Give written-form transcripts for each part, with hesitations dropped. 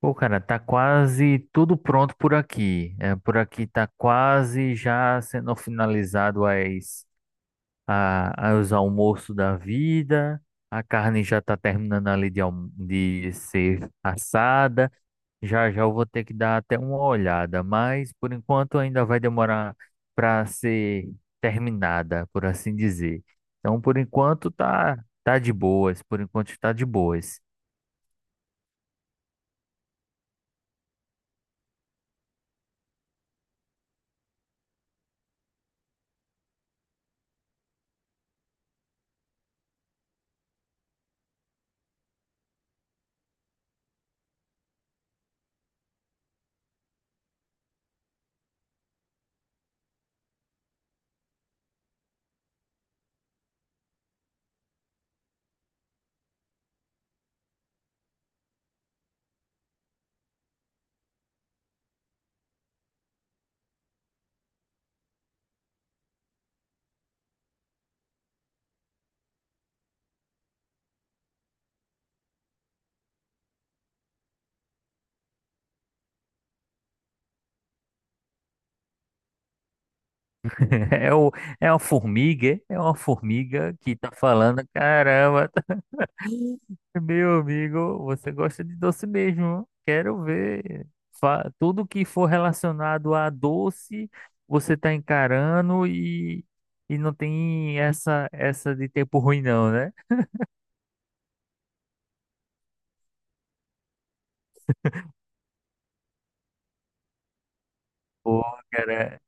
Pô, cara, tá quase tudo pronto por aqui. É, por aqui tá quase já sendo finalizado os almoços da vida. A carne já tá terminando ali de ser assada. Já já eu vou ter que dar até uma olhada, mas por enquanto ainda vai demorar para ser terminada, por assim dizer. Então, tá de boas. Por enquanto está de boas. É, o, é uma formiga que tá falando, caramba, meu amigo, você gosta de doce mesmo, quero ver. Tudo que for relacionado a doce, você tá encarando e não tem essa de tempo ruim não, né? Pô, cara,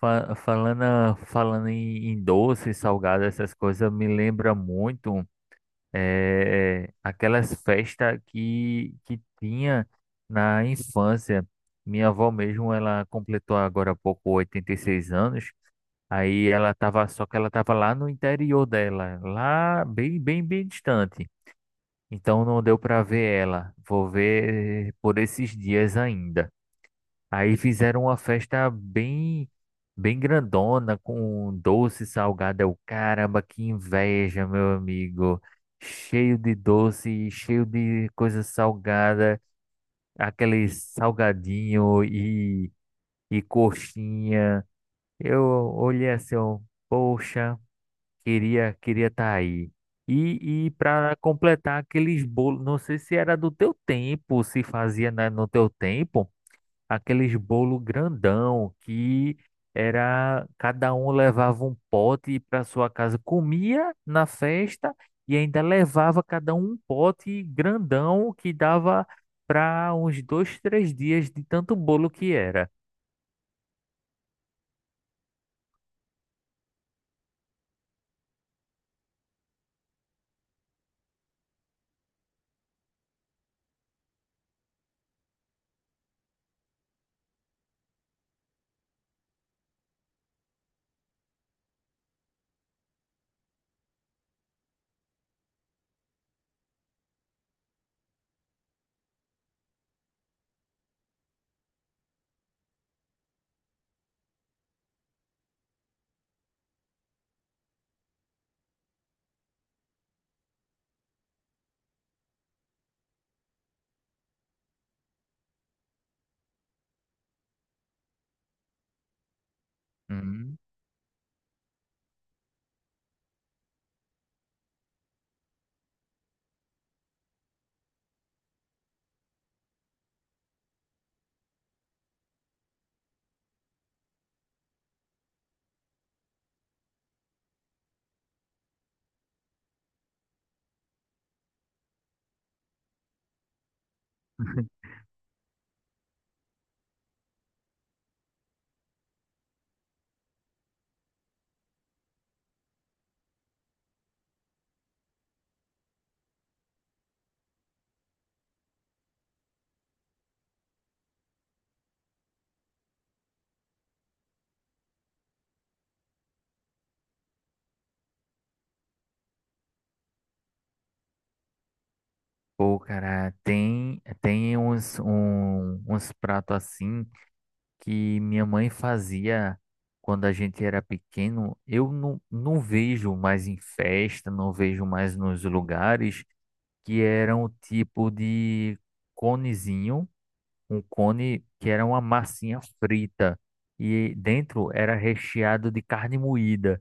falando em doce, salgado, essas coisas, me lembra muito. Aquelas festas que tinha na infância. Minha avó mesmo, ela completou agora há pouco 86 anos. Aí ela tava, só que ela tava lá no interior dela, lá bem distante. Então não deu para ver ela. Vou ver por esses dias ainda. Aí fizeram uma festa bem grandona, com doce salgado. Eu, caramba, que inveja, meu amigo. Cheio de doce, cheio de coisa salgada, aquele salgadinho e coxinha. Eu olhei assim, eu, poxa, queria estar aí. E para completar aqueles bolos, não sei se era do teu tempo, se fazia, né, no teu tempo aqueles bolo grandão que era cada um levava um pote para sua casa, comia na festa e ainda levava cada um um pote grandão que dava para uns dois, três dias de tanto bolo que era. Hum. Pô, cara, tem uns pratos assim que minha mãe fazia quando a gente era pequeno, eu não, não vejo mais em festa, não vejo mais nos lugares, que era um tipo de conezinho, um cone que era uma massinha frita e dentro era recheado de carne moída.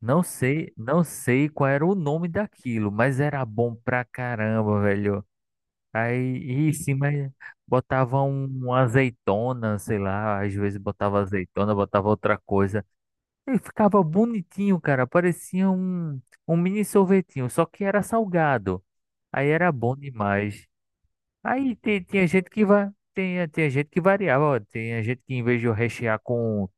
Não sei qual era o nome daquilo, mas era bom pra caramba, velho. Aí, em cima botava uma azeitona, sei lá, às vezes botava azeitona, botava outra coisa. E ficava bonitinho, cara, parecia um mini sorvetinho, só que era salgado. Aí era bom demais. Tinha gente que vai, tinha gente que variava, ó, tinha gente que em vez de eu rechear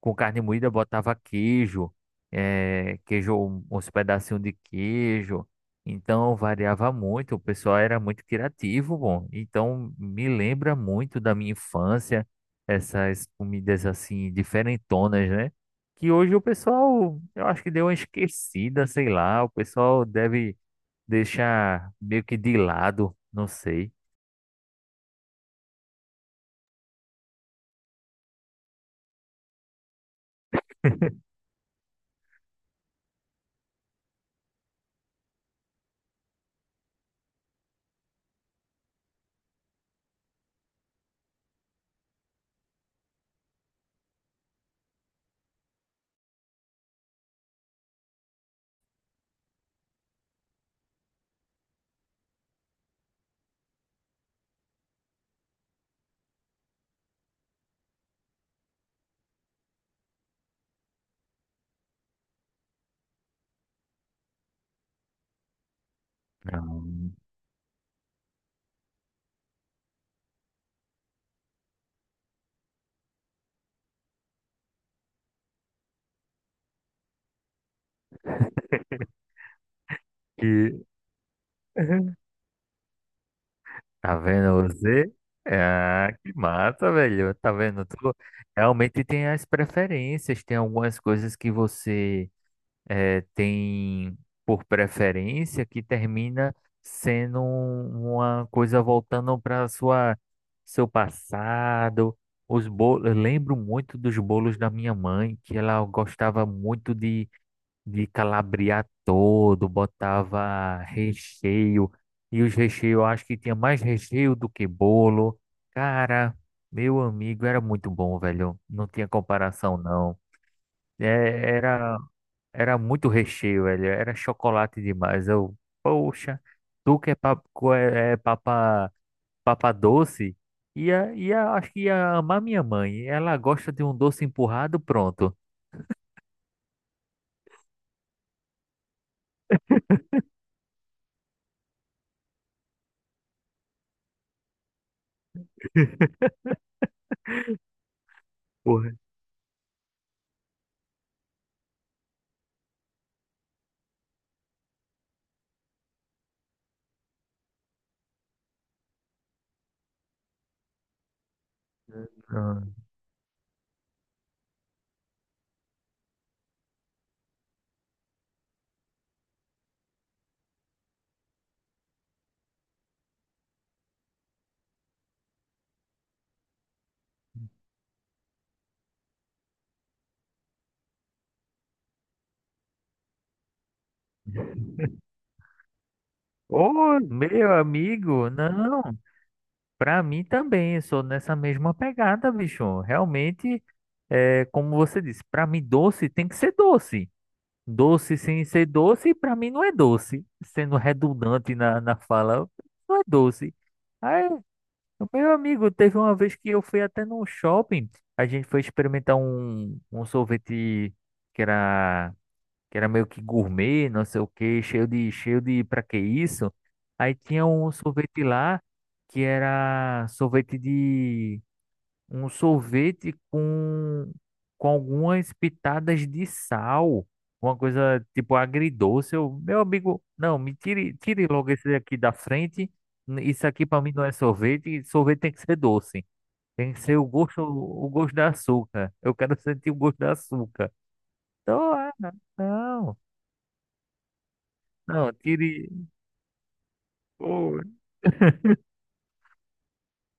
com carne moída, botava queijo, queijo, uns pedacinhos de queijo. Então variava muito, o pessoal era muito criativo, bom. Então me lembra muito da minha infância, essas comidas assim diferentonas, né? Que hoje o pessoal, eu acho que deu uma esquecida, sei lá, o pessoal deve deixar meio que de lado, não sei. Não. E Tá vendo você? Ah, que massa, velho. Tá vendo? Tu realmente tem as preferências, tem algumas coisas que tem por preferência que termina sendo uma coisa voltando para sua seu passado. Os bolos, eu lembro muito dos bolos da minha mãe, que ela gostava muito de calabriar todo, botava recheio, e os recheios, eu acho que tinha mais recheio do que bolo. Cara, meu amigo, era muito bom, velho. Não tinha comparação, não. É, era, era muito recheio, velho. Era chocolate demais. Eu, poxa, tu que é papa, é papa, papa doce, ia, acho que ia amar minha mãe. Ela gosta de um doce empurrado, pronto. Porra. Ô, meu amigo, não, pra mim também, eu sou nessa mesma pegada, bicho. Realmente, é, como você disse, pra mim doce tem que ser doce. Doce sem ser doce, pra mim não é doce. Sendo redundante na fala, não é doce. Aí, meu amigo, teve uma vez que eu fui até num shopping, a gente foi experimentar um sorvete que era que era meio que gourmet, não sei o que cheio de, pra que isso? Aí tinha um sorvete lá que era um sorvete com algumas pitadas de sal, uma coisa tipo agridoce. Eu, meu amigo, não, tire logo esse daqui da frente. Isso aqui pra mim não é sorvete, sorvete tem que ser doce. Tem que ser o gosto da açúcar. Eu quero sentir o gosto da açúcar. Então, ah, não. Não, tire. Pô,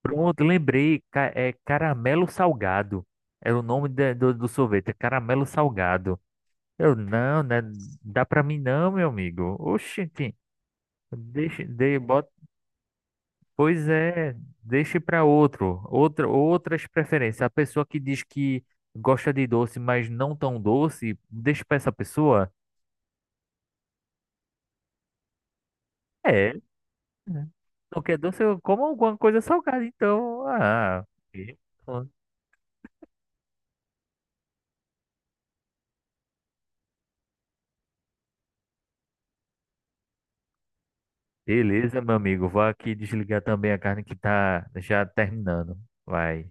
pronto, lembrei. É caramelo salgado. É o nome do sorvete, é caramelo salgado. Eu, não, né? Dá pra mim não, meu amigo. Oxente, bota, pois é, deixe pra outro. Outras preferências. A pessoa que diz que gosta de doce, mas não tão doce, deixa pra essa pessoa. É, né? Não quer doce, eu como alguma coisa salgada, então. Ah, ok. Beleza, meu amigo. Vou aqui desligar também a carne que tá já terminando. Vai.